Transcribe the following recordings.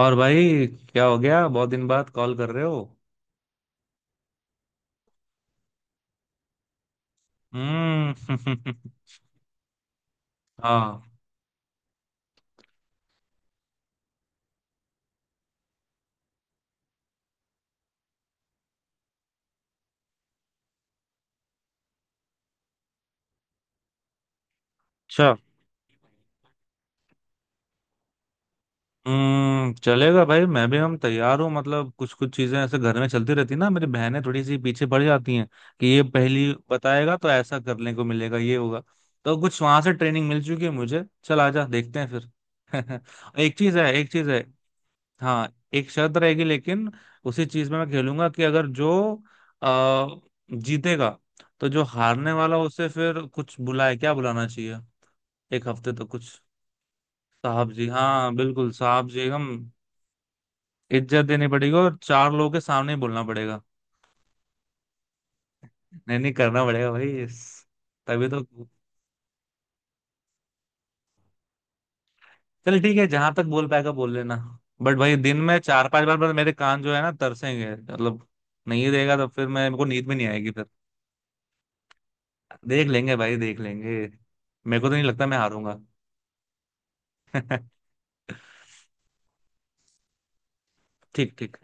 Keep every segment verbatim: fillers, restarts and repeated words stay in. और भाई। क्या हो गया, बहुत दिन बाद कॉल कर रहे हो? हम्म। हाँ। अच्छा। हम्म, चलेगा भाई, मैं भी हम तैयार हूँ। मतलब कुछ कुछ चीजें ऐसे घर में चलती रहती ना, मेरी बहनें थोड़ी सी पीछे पड़ जाती हैं कि ये पहली बताएगा तो ऐसा करने को मिलेगा, ये होगा। तो कुछ वहां से ट्रेनिंग मिल चुकी है मुझे, चल आजा देखते हैं फिर। एक चीज है, एक चीज है। हाँ, एक शर्त रहेगी लेकिन। उसी चीज में मैं खेलूंगा कि अगर जो आ, जीतेगा तो जो हारने वाला, उसे फिर कुछ बुलाए, क्या बुलाना चाहिए। एक हफ्ते तक कुछ। साहब जी हाँ बिल्कुल, साहब जी हम इज्जत देनी पड़ेगी और चार लोगों के सामने ही बोलना पड़ेगा। नहीं नहीं, करना पड़ेगा भाई इस- तभी तो। चल ठीक है, जहां तक बोल पाएगा बोल लेना। बट भाई दिन में चार पांच बार बार मेरे कान जो है ना तरसेंगे मतलब। नहीं देगा तो फिर मैं, मेरे को नींद भी नहीं आएगी। देख लेंगे भाई, देख लेंगे। मेरे को तो नहीं लगता मैं हारूंगा। ठीक ठीक।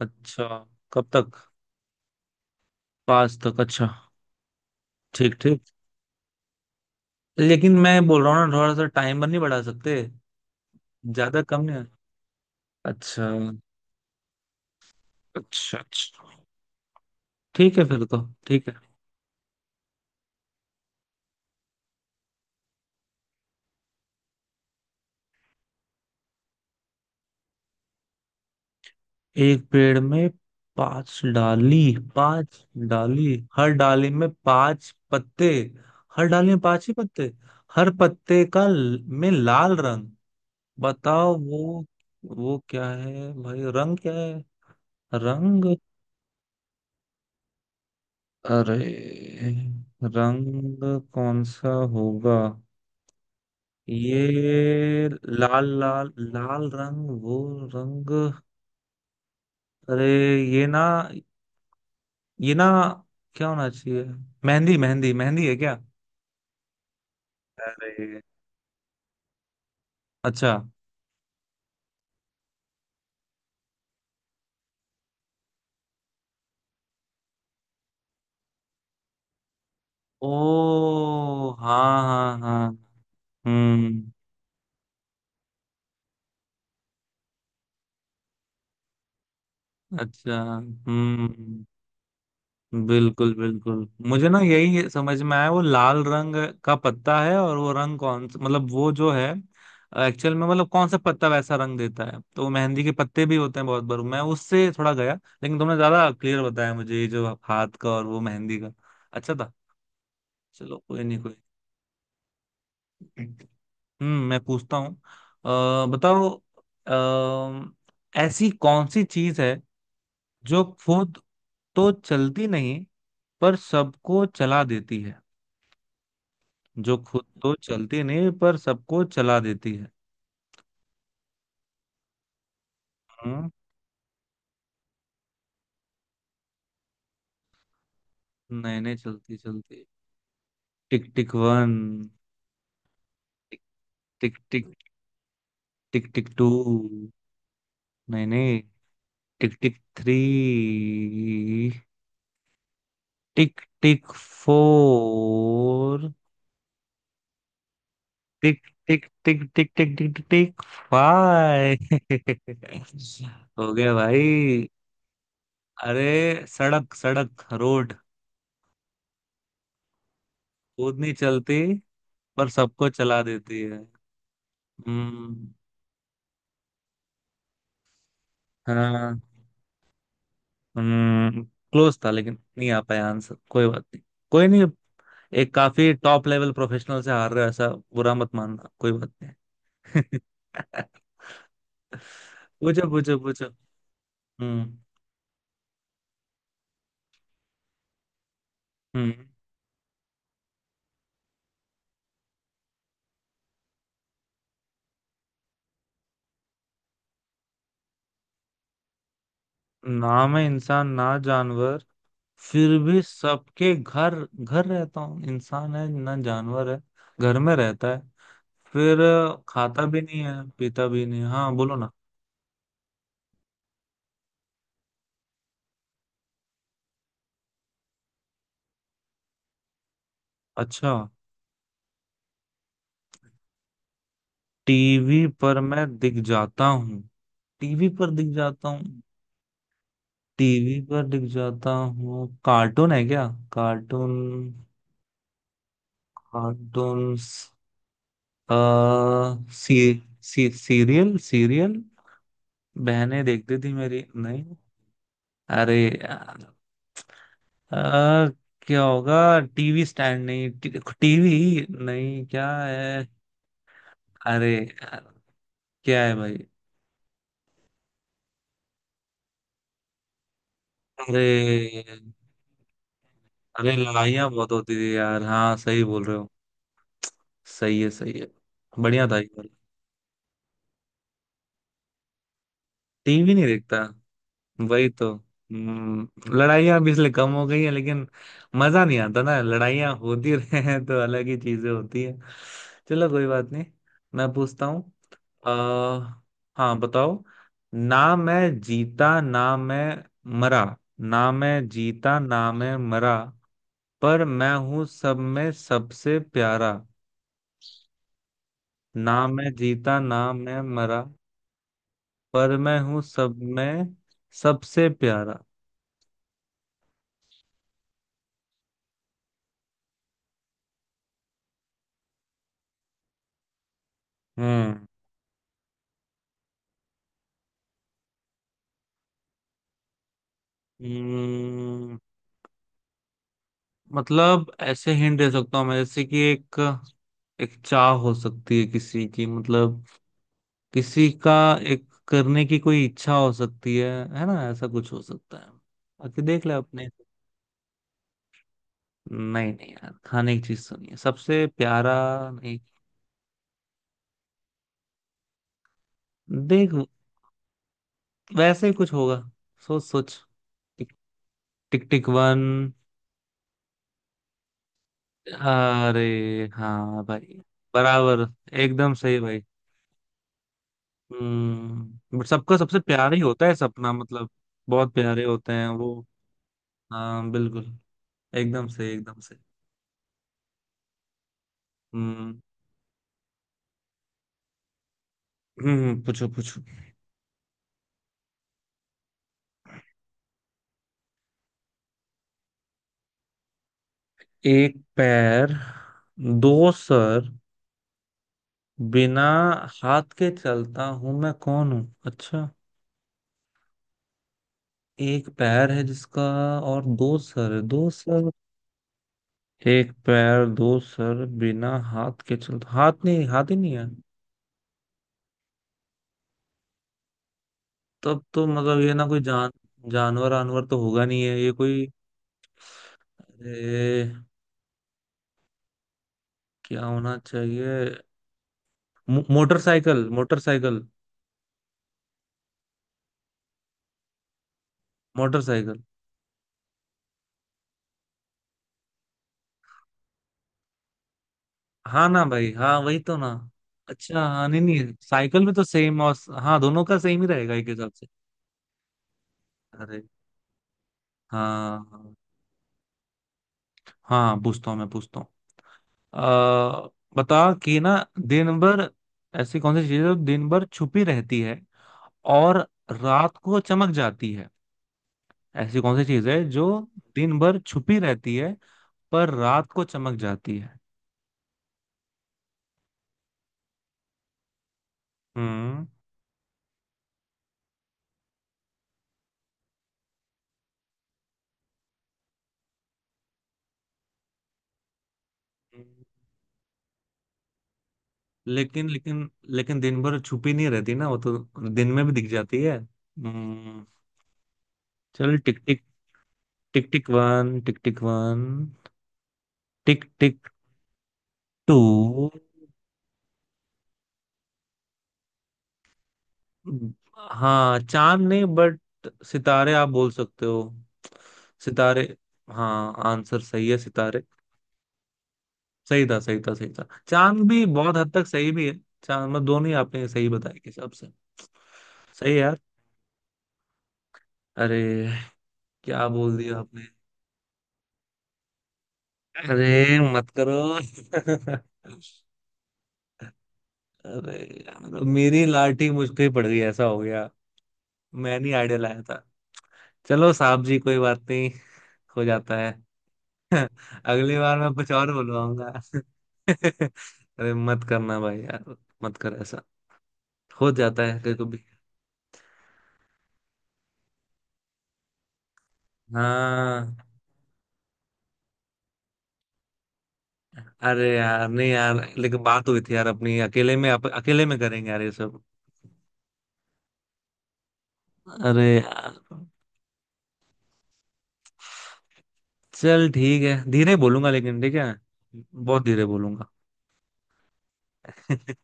अच्छा। कब तक? पाँच तक, अच्छा। ठीक ठीक। लेकिन मैं बोल रहा हूँ ना, थोड़ा सा टाइमर नहीं बढ़ा सकते? ज्यादा कम नहीं? अच्छा अच्छा। अच्छा ठीक है फिर तो, ठीक है। एक पेड़ में पांच डाली। पांच डाली। हर डाली में पांच पत्ते। हर डाली में पांच ही पत्ते। हर पत्ते का ल- में लाल रंग। बताओ वो। वो क्या है भाई, रंग क्या है? रंग? अरे, रंग कौन सा होगा? ये लाल लाल लाल रंग, वो रंग। अरे, ये ना, ये ना, क्या होना चाहिए? मेहंदी, मेहंदी, मेहंदी है क्या? अरे अच्छा। ओ हाँ हाँ हाँ। हम्म। अच्छा। हम्म, बिल्कुल बिल्कुल। मुझे ना यही समझ में आया, वो लाल रंग का पत्ता है, और वो रंग कौन सा मतलब वो जो है एक्चुअल में, मतलब कौन सा पत्ता वैसा रंग देता है, तो मेहंदी के पत्ते भी होते हैं बहुत बार, मैं उससे थोड़ा गया। लेकिन तुमने ज्यादा क्लियर बताया मुझे, ये जो हाथ का और वो मेहंदी का। अच्छा था। चलो कोई नहीं, कोई नहीं। हम्म, मैं पूछता हूँ। अ, बताओ, अ, ऐसी कौन सी चीज है जो खुद तो चलती नहीं पर सबको चला देती है? जो खुद तो चलती नहीं पर सबको चला देती है? हाँ। नए नए, चलती चलती। टिक टिक वन। टिक टिक टिक टिक टिक टू। नहीं नहीं। टिक टिक थ्री। टिक टिक फोर। टिक टिक टिक टिक टिक टिक टिक टिक फाइव। हो गया भाई। अरे सड़क, सड़क, रोड। खुद नहीं चलती पर सबको चला देती है। हम्म। हाँ, क्लोज था लेकिन नहीं आ पाया आंसर, कोई बात नहीं। कोई नहीं। एक काफी टॉप लेवल प्रोफेशनल से हार रहे हो ऐसा, बुरा मत मानना, कोई बात नहीं। पूछो पूछो पूछो। हम्म। हम्म। नाम है, इंसान ना जानवर, फिर भी सबके घर घर रहता हूँ। इंसान है ना जानवर है, घर में रहता है, फिर खाता भी नहीं है, पीता भी नहीं है। हाँ बोलो ना। अच्छा। टीवी पर मैं दिख जाता हूँ। टीवी पर दिख जाता हूँ। टीवी पर दिख जाता हूँ, कार्टून है क्या? Cartoon, cartoon. आ, सी, सी, सीरियल, सीरियल। बहनें देखती थी मेरी, नहीं। अरे यार। आ, क्या होगा, टीवी स्टैंड? नहीं, टी, टीवी नहीं, क्या है? अरे यार, क्या है भाई? अरे। अरे लड़ाइयाँ बहुत होती थी यार, हाँ सही बोल रहे हो। सही है, सही है। बढ़िया था ये वाला। टीवी नहीं देखता। वही तो, हम्म, लड़ाइयाँ भी इसलिए कम हो गई है। लेकिन मजा नहीं आता ना, लड़ाइयाँ होती रहे हैं तो अलग ही चीजें होती है। चलो कोई बात नहीं। मैं पूछता हूँ। अह हाँ, बताओ। ना मैं जीता ना मैं मरा। ना मैं जीता ना मैं मरा, पर मैं हूँ सब में सबसे प्यारा। ना मैं जीता ना मैं मरा, पर मैं हूँ सब में सबसे प्यारा। हम्म। हम्म, मतलब ऐसे हिंट दे सकता हूँ मैं, जैसे कि एक, एक चाह हो सकती है किसी की, मतलब किसी का एक करने की कोई इच्छा हो सकती है है ना? ऐसा कुछ हो सकता है, बाकी देख ले अपने। नहीं नहीं यार, खाने की चीज तो नहीं है, सबसे प्यारा नहीं। देख, वैसे ही कुछ होगा। सोच सोच। टिक टिक, टिक वन। अरे हाँ भाई, बराबर। एकदम सही भाई। हम्म, बट सबका सबसे प्यारा ही होता है सपना, मतलब बहुत प्यारे होते हैं वो। हाँ बिल्कुल। एकदम सही, एकदम सही। हम्म। हम्म, पूछो पूछो। एक पैर, दो सर, बिना हाथ के चलता हूं मैं कौन हूं? अच्छा। एक पैर है जिसका, और दो सर है, दो सर। एक पैर दो सर बिना हाथ के चलता, हाथ नहीं, हाथ ही नहीं है। तब तो मतलब ये ना, कोई जान जानवर आनवर तो होगा नहीं, है ये कोई। अरे क्या होना चाहिए? मो- मोटरसाइकिल, मोटरसाइकिल। मोटरसाइकिल। हाँ ना भाई, हाँ वही तो ना। अच्छा हाँ, नहीं नहीं, साइकिल में तो सेम, और हाँ दोनों का सेम ही रहेगा एक हिसाब से। अरे, हाँ हाँ। हाँ, पूछता हूँ, मैं पूछता हूँ। अ, बता कि ना, दिन भर, ऐसी कौन सी चीज है जो दिन भर छुपी रहती है और रात को चमक जाती है? ऐसी कौन सी चीज है जो दिन भर छुपी रहती है पर रात को चमक जाती है? हम्म। लेकिन लेकिन लेकिन दिन भर छुपी नहीं रहती ना वो तो, दिन में भी दिख जाती है हम्म। चल टिक टिक, टिक टिक वन, टिक टिक वन, टिक टिक टू। हाँ, चांद नहीं बट सितारे आप बोल सकते हो। सितारे। हाँ, आंसर सही है, सितारे। सही था, सही था, सही था। चांद भी बहुत हद तक सही भी है। चांद मतलब दोनों ही आपने सही बताया के हिसाब से। सही है यार। अरे, क्या बोल दिया आपने। अरे मत करो। अरे यार, मेरी लाठी मुझ पे ही पड़ गई, ऐसा हो गया। मैं नहीं आइडिया लाया था। चलो साहब जी, कोई बात नहीं, हो जाता है। अगली बार मैं कुछ और बुलवाऊंगा। अरे मत करना भाई यार, मत कर ऐसा। हो जाता है कभी कभी। हाँ। अरे यार नहीं यार, लेकिन बात हुई थी यार अपनी अकेले में, अप, अकेले में करेंगे यार ये सब। अरे यार। चल ठीक है, धीरे बोलूंगा लेकिन, ठीक है। बहुत धीरे बोलूंगा।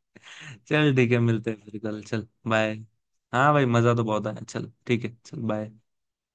चल ठीक है, मिलते हैं फिर कल, चल बाय। हाँ भाई, मजा तो बहुत आया, चल ठीक है, चल बाय।